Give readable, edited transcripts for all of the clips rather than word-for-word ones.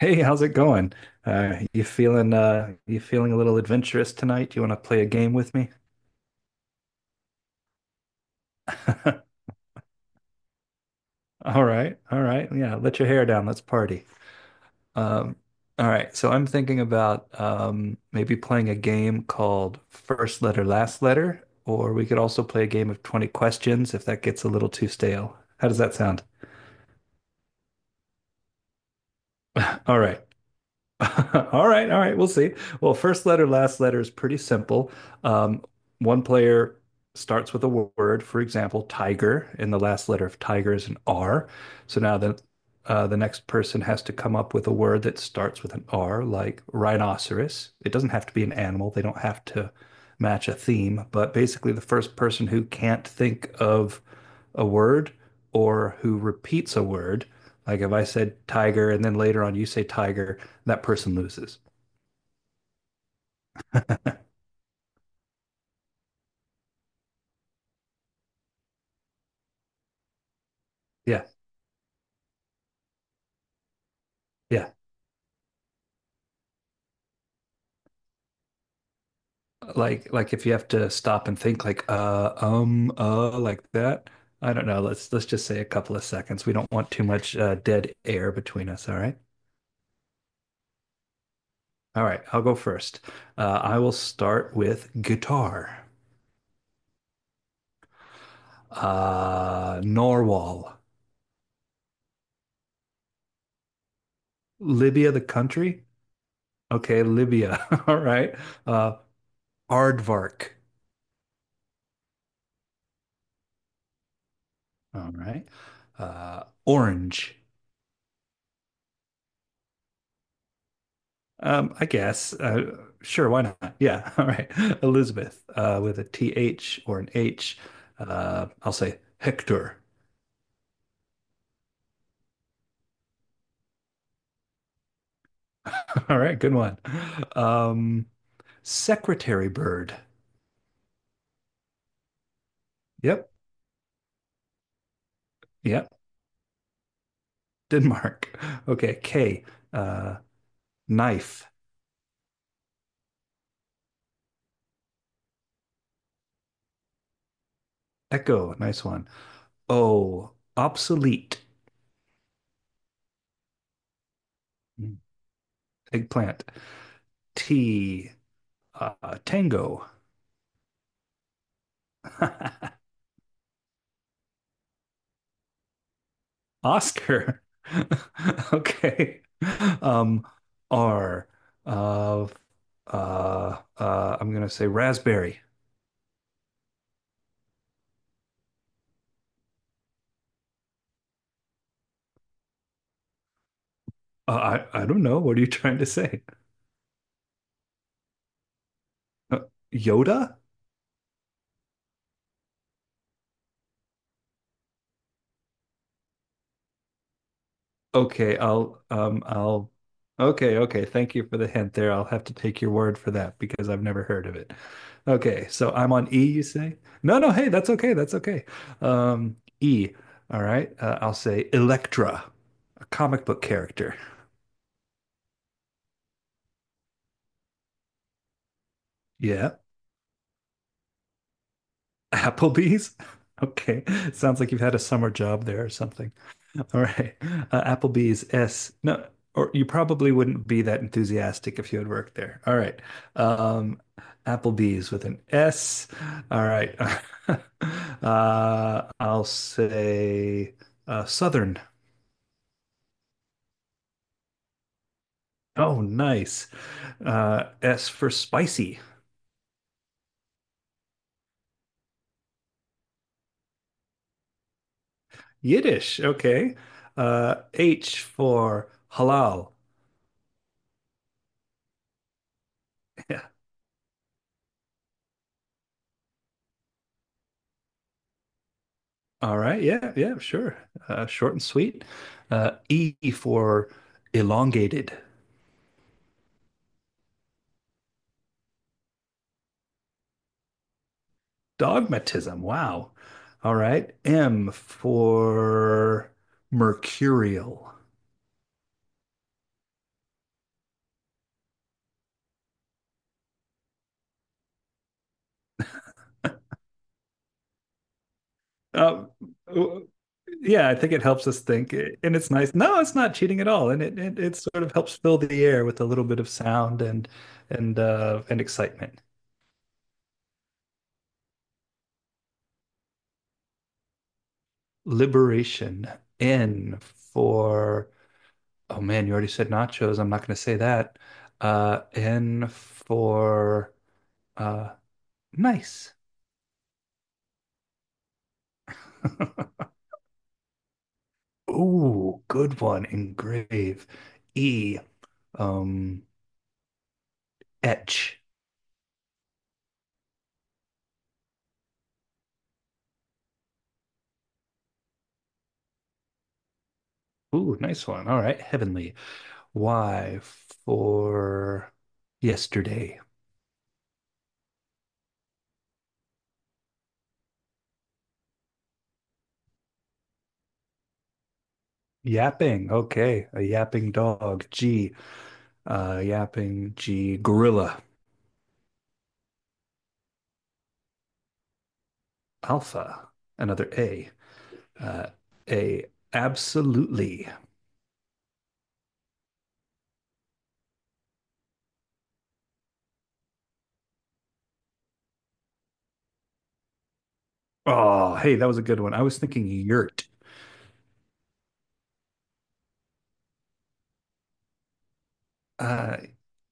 Hey, how's it going? You feeling a little adventurous tonight? You want to play a game with me? All right, yeah. Let your hair down. Let's party. Um, all right. So I'm thinking about maybe playing a game called First Letter, Last Letter, or we could also play a game of 20 questions if that gets a little too stale. How does that sound? All right. All right, we'll see. Well, first letter, last letter is pretty simple. Um, One player starts with a word, for example, tiger, and the last letter of tiger is an R. So now the next person has to come up with a word that starts with an R, like rhinoceros. It doesn't have to be an animal. They don't have to match a theme, but basically, the first person who can't think of a word or who repeats a word, like if I said tiger and then later on you say tiger that person loses. Yeah, yeah. Like if you have to stop and think like that. I don't know. Let's just say a couple of seconds. We don't want too much dead air between us. All right. All right. I'll go first. I will start with guitar. Norwal, Libya, the country. Okay, Libya. All right. Uh, Aardvark. All right. Orange. I guess. Sure, why not? Yeah. All right. Elizabeth, with a T H or an H. I'll say Hector. All right, good one. Um, secretary bird. Yep. Yep. Denmark. Okay. K. Uh, knife. Echo. Nice one. O. Obsolete. Hmm, Eggplant. T. Uh, tango. Oscar. Okay. Um, R. Uh, I'm gonna say raspberry. I don't know. What are you trying to say? Uh, Yoda? Okay, I'll okay, Thank you for the hint there. I'll have to take your word for that because I've never heard of it. Okay, so I'm on E, you say? No, no, hey, that's okay. That's okay. E. All right. I'll say Electra, a comic book character. Yeah. Applebee's? Okay. Sounds like you've had a summer job there or something. All right. Applebee's S. No, or you probably wouldn't be that enthusiastic if you had worked there. All right. Um, Applebee's with an S. All right. I'll say Southern. Oh, nice. S for spicy. Yiddish. Okay. H for halal. All right. Yeah. Yeah. Sure. Short and sweet. E for elongated dogmatism. Wow. All right. M for mercurial. Uh, w- yeah. I think it helps us think, and it's nice. No, it's not cheating at all, and it sort of helps fill the air with a little bit of sound and and excitement. Liberation. N for Oh man, you already said nachos. I'm not going to say that. N for uh, nice. Ooh, good one. Engrave. E. Um, etch. Ooh, nice one. All right, heavenly. Y for yesterday. Yapping. Okay, a yapping dog. G. Yapping. G. Gorilla. Alpha. Another A. Uh, A. Absolutely. Oh, hey, that was a good one. I was thinking yurt. Uh,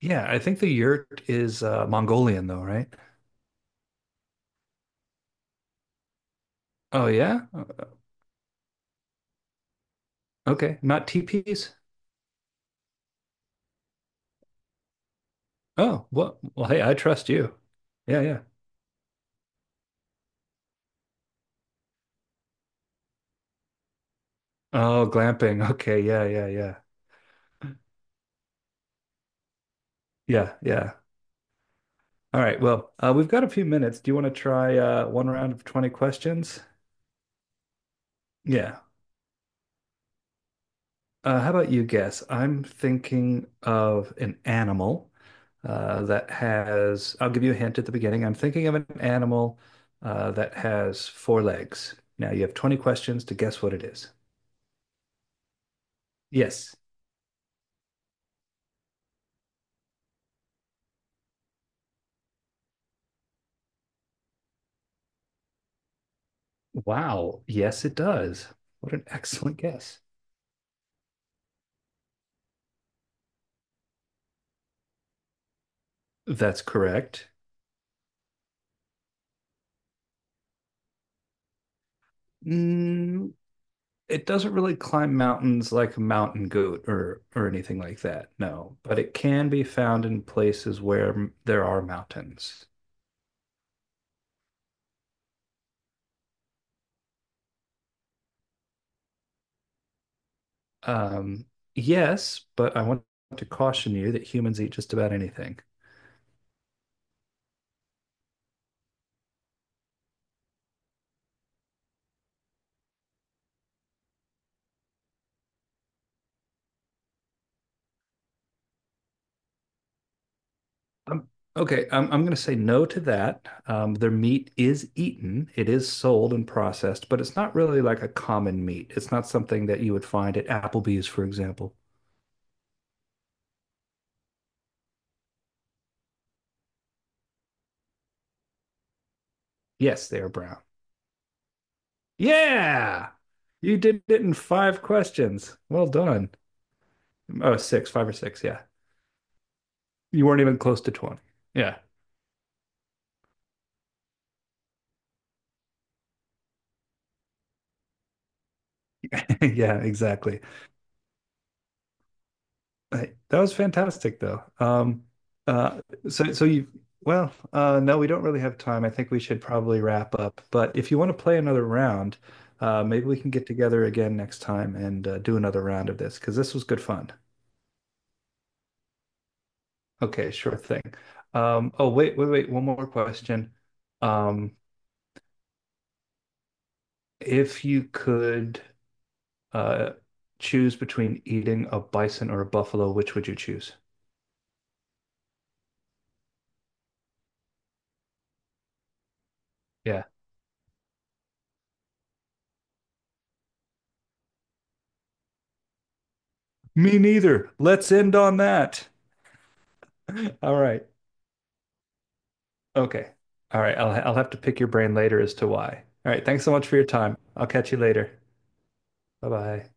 yeah, I think the yurt is Mongolian though, right? Oh yeah? Okay, not teepees? Oh, hey, I trust you. Yeah, yeah. Oh, glamping. Okay, yeah, yeah, yeah. Yeah, yeah. All right. Well, we've got a few minutes. Do you want to try one round of 20 questions? Yeah. How about you guess? I'm thinking of an animal I'll give you a hint at the beginning. I'm thinking of an animal that has four legs. Now you have 20 questions to guess what it is. Yes. Wow. Yes, it does. What an excellent guess. That's correct. Mm, it doesn't really climb mountains like a mountain goat or anything like that, no. But it can be found in places where there are mountains. Um, yes, but I want to caution you that humans eat just about anything. Um, okay, I'm going to say no to that. Their meat is eaten, it is sold and processed, but it's not really like a common meat. It's not something that you would find at Applebee's, for example. Yes, they are brown. Yeah, you did it in five questions. Well done. Oh, five or six. Yeah, you weren't even close to 20. Yeah, yeah, exactly. Hey, that was fantastic, though. Uh, so, so you, no, we don't really have time. I think we should probably wrap up. But if you want to play another round, maybe we can get together again next time and do another round of this because this was good fun. Okay, sure thing. Oh, wait. One more question. Um, if you could uh, choose between eating a bison or a buffalo, which would you choose? Yeah. Me neither. Let's end on that. All right. Okay. All right. I'll have to pick your brain later as to why. All right. Thanks so much for your time. I'll catch you later. Bye bye.